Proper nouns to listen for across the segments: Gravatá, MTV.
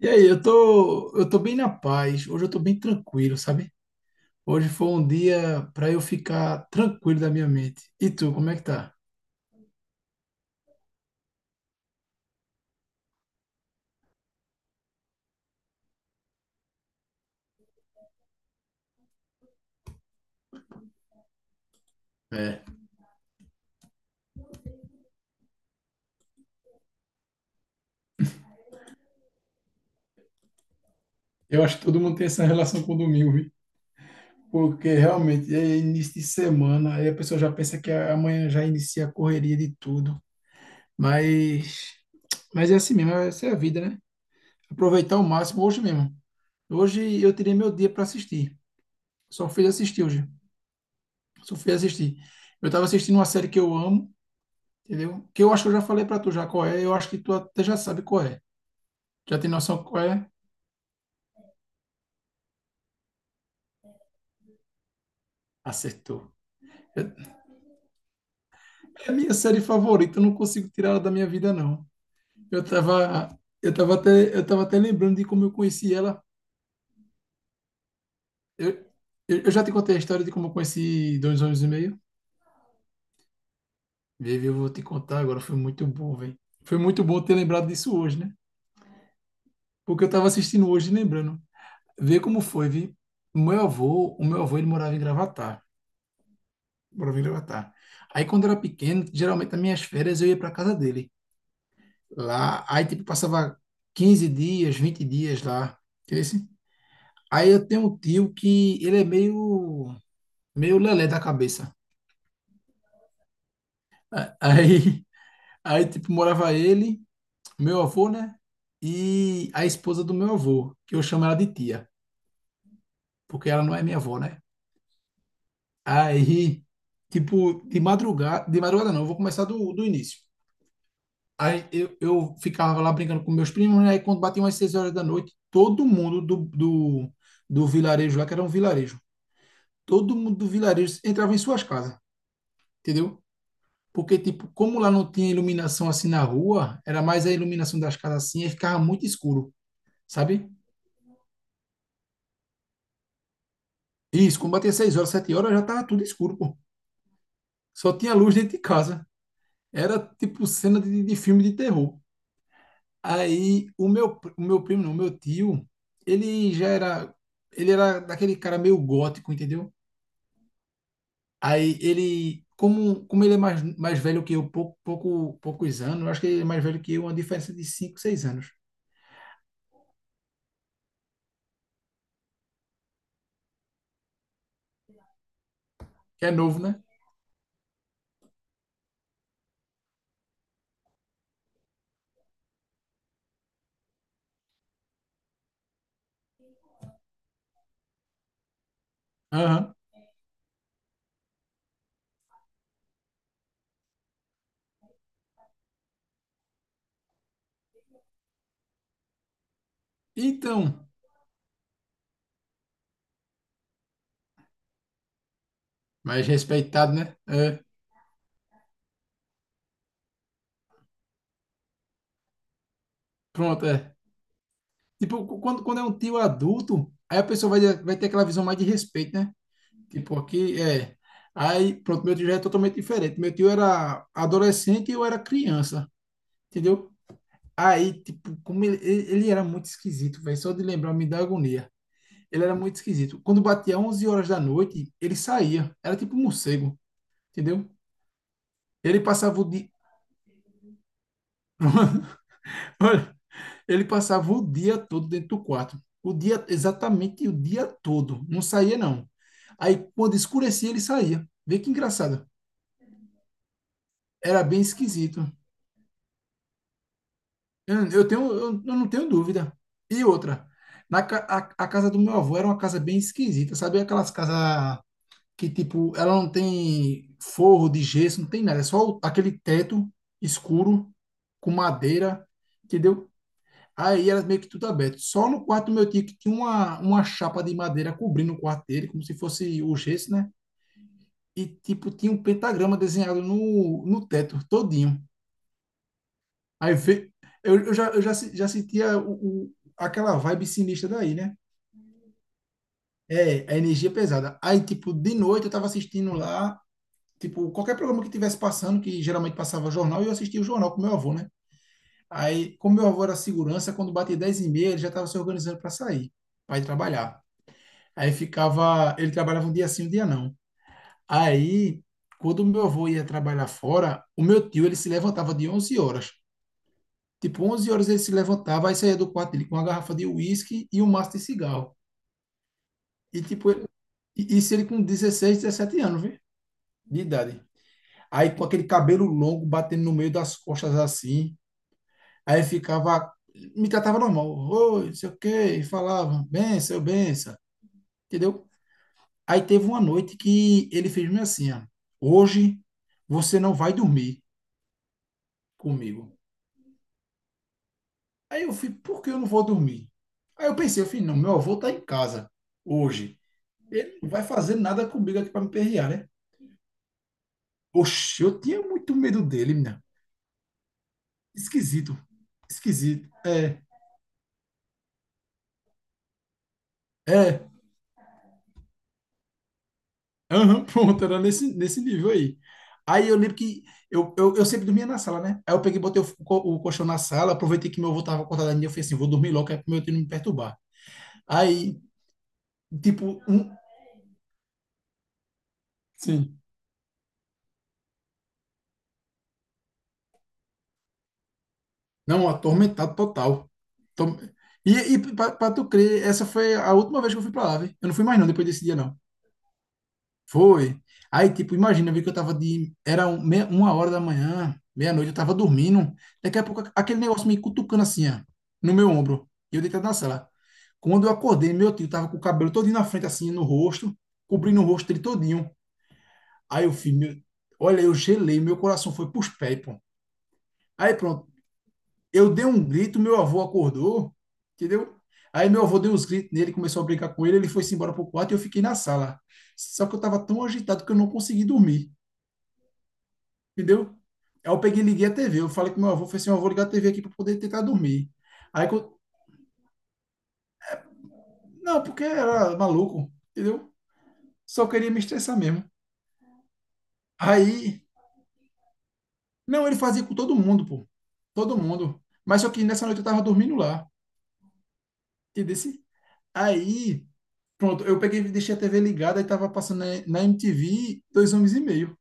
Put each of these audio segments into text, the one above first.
E aí, eu tô bem na paz. Hoje eu tô bem tranquilo, sabe? Hoje foi um dia para eu ficar tranquilo da minha mente. E tu, como é que tá? É. Eu acho que todo mundo tem essa relação com o domingo, viu? Porque realmente é início de semana, aí a pessoa já pensa que amanhã já inicia a correria de tudo. Mas, mas é assim mesmo, essa é a vida, né? Aproveitar o máximo hoje mesmo. Hoje eu tirei meu dia para assistir. Só fui assistir hoje. Só fui assistir. Eu estava assistindo uma série que eu amo, entendeu? Que eu acho que eu já falei para tu já qual é, eu acho que tu até já sabe qual é. Já tem noção qual é? Acertou. Eu- É a minha série favorita, eu não consigo tirar ela da minha vida, não. Eu tava até lembrando de como eu conheci ela. Eu, eu já te contei a história de como eu conheci dois anos e meio. Vivi, eu vou te contar agora, foi muito bom, velho. Foi muito bom ter lembrado disso hoje, né? Porque eu tava assistindo hoje e lembrando. Vê como foi, vi. O meu avô, ele morava em Gravatá. Bora vir Avatar. Aí quando eu era pequeno, geralmente nas minhas férias eu ia para casa dele. Lá, aí tipo passava 15 dias, 20 dias lá. Entendeu? Assim, aí eu tenho um tio que ele é meio lelé da cabeça. Aí aí tipo morava ele, meu avô, né? E a esposa do meu avô, que eu chamo ela de tia, porque ela não é minha avó, né? Aí tipo de madrugada não, eu vou começar do início. Aí eu ficava lá brincando com meus primos, né? Aí quando batiam as 6 horas da noite, todo mundo do vilarejo lá, que era um vilarejo, todo mundo do vilarejo entrava em suas casas, entendeu? Porque, tipo, como lá não tinha iluminação assim na rua, era mais a iluminação das casas assim, aí ficava muito escuro, sabe? Isso, quando batia seis horas, sete horas, já tava tudo escuro, pô. Só tinha luz dentro de casa. Era, tipo, cena de filme de terror. Aí o meu primo, não, o meu tio, ele já era, ele era daquele cara meio gótico, entendeu? Aí ele, como ele é mais velho que eu, poucos anos, eu acho que ele é mais velho que eu, uma diferença de cinco seis anos. Que é novo, né? Aham. Então, mais respeitado, né? É, pronto, é. Tipo, quando é um tio adulto, aí a pessoa vai, ter aquela visão mais de respeito, né? Tipo, aqui é. Aí, pronto, meu tio já é totalmente diferente. Meu tio era adolescente e eu era criança, entendeu? Aí, tipo, como ele era muito esquisito, velho, só de lembrar me dá agonia. Ele era muito esquisito. Quando batia 11 horas da noite, ele saía. Era tipo um morcego, entendeu? Ele passava o dia, olha, ele passava o dia todo dentro do quarto. O dia, exatamente o dia todo. Não saía, não. Aí, quando escurecia, ele saía. Vê que engraçado. Era bem esquisito. Eu não tenho dúvida. E outra, na, ca- a, a casa do meu avô era uma casa bem esquisita, sabe? Aquelas casas que tipo, ela não tem forro de gesso, não tem nada, é só aquele teto escuro com madeira, entendeu? Aí era meio que tudo aberto. Só no quarto do meu tio que tinha uma chapa de madeira cobrindo o quarto dele, como se fosse o gesso, né? E tipo, tinha um pentagrama desenhado no teto todinho. Aí ve- eu já, se- já sentia aquela vibe sinistra daí, né? É, a energia pesada. Aí, tipo, de noite eu tava assistindo lá, tipo, qualquer programa que tivesse passando, que geralmente passava jornal, eu assistia o jornal com meu avô, né? Aí, como meu avô era segurança, quando batia 10 e meia, ele já estava se organizando para sair, para ir trabalhar. Aí ficava, ele trabalhava um dia sim, um dia não. Aí, quando meu avô ia trabalhar fora, o meu tio, ele se levantava de 11 horas. Tipo, 11 horas ele se levantava, aí saía do quarto dele com uma garrafa de uísque e um maço de cigarro. E tipo, isso ele com 16 17 anos, viu? De idade. Aí com aquele cabelo longo batendo no meio das costas assim. Aí ficava, me tratava normal, oi, não sei o quê, e falava, benção, benção, entendeu? Aí teve uma noite que ele fez-me assim, ó, hoje você não vai dormir comigo. Aí eu fui, por que eu não vou dormir? Aí eu pensei, eu falei, não, meu avô tá em casa hoje, ele não vai fazer nada comigo aqui para me perrear, né? Oxe, eu tinha muito medo dele, minha. Esquisito, esquisito, é, é. Aham, pronto, era nesse nível aí. Aí eu lembro que eu sempre dormia na sala, né? Aí eu peguei, botei o colchão na sala, aproveitei que meu avô tava acordado ainda, eu falei assim, vou dormir logo, que é pro meu tio não me perturbar. Aí, tipo, um. Sim. Não, atormentado total. Tom- pra tu crer, essa foi a última vez que eu fui pra lá, velho. Eu não fui mais não, depois desse dia, não. Foi. Aí, tipo, imagina, eu vi que eu tava de. Era 1 hora da manhã, meia-noite, eu tava dormindo. Daqui a pouco, aquele negócio me cutucando assim, ó, no meu ombro. E eu deitado na sala. Quando eu acordei, meu tio tava com o cabelo todinho na frente, assim, no rosto, cobrindo o rosto dele todinho. Aí eu fiz, meu. Olha, eu gelei, meu coração foi pros pés, pô. Aí pronto, eu dei um grito, meu avô acordou, entendeu? Aí meu avô deu uns gritos nele, começou a brincar com ele, ele foi-se embora pro quarto e eu fiquei na sala. Só que eu tava tão agitado que eu não consegui dormir. Entendeu? Aí eu peguei e liguei a TV. Eu falei com meu avô, falei assim, "Ó, eu vou ligar a TV aqui para poder tentar dormir." Aí, não, porque era maluco, entendeu? Só queria me estressar mesmo. Aí, não, ele fazia com todo mundo, pô. Todo mundo. Mas só que nessa noite eu tava dormindo lá, entendeu? Aí, pronto, eu peguei e deixei a TV ligada e tava passando na MTV Dois Homens e Meio,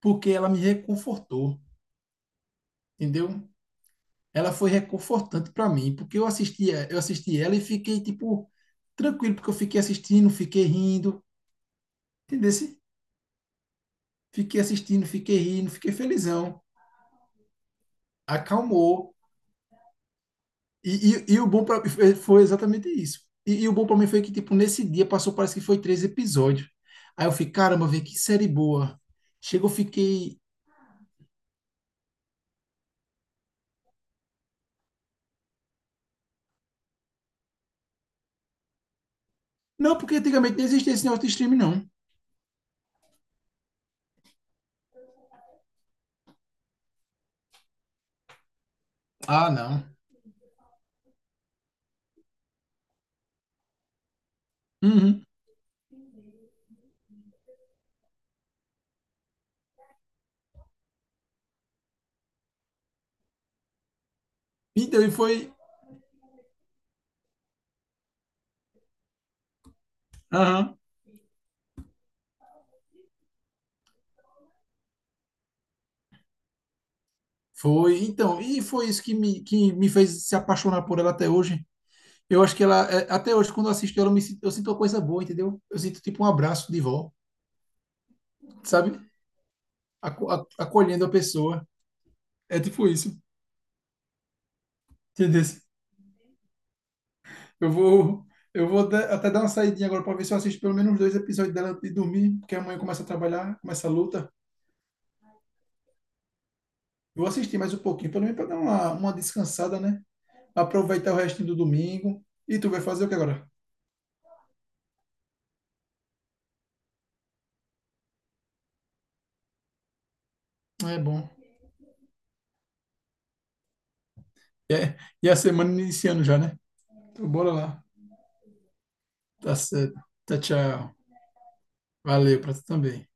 porque ela me reconfortou, entendeu? Ela foi reconfortante para mim, porque eu assisti ela e fiquei, tipo, tranquilo, porque eu fiquei assistindo, fiquei rindo, entendeu? Fiquei assistindo, fiquei rindo, fiquei felizão, acalmou. E, e o bom para mim foi exatamente isso. E o bom para mim foi que, tipo, nesse dia passou, parece que foi três episódios. Aí eu fiquei, caramba, vê que série boa. Chegou, fiquei. Não, porque antigamente não existia esse negócio de streaming, não. Ah, não. Uhum. Então, e foi. Aham. Foi, então, e foi isso que me fez se apaixonar por ela até hoje. Eu acho que ela, é, até hoje, quando eu assisto ela, eu sinto uma coisa boa, entendeu? Eu sinto tipo um abraço de vó, sabe? Acolhendo a pessoa. É tipo isso, entendeu? Eu vou, eu vou até dar uma saidinha agora para ver se eu assisto pelo menos dois episódios dela antes de dormir, porque amanhã começa a trabalhar, começa a luta. Vou assistir mais um pouquinho, pelo menos para dar uma descansada, né? Aproveitar o restinho do domingo. E tu vai fazer o que agora? É bom. E a semana iniciando já, né? Então, bora lá. Tá certo. Tá, tchau. Valeu para tu também.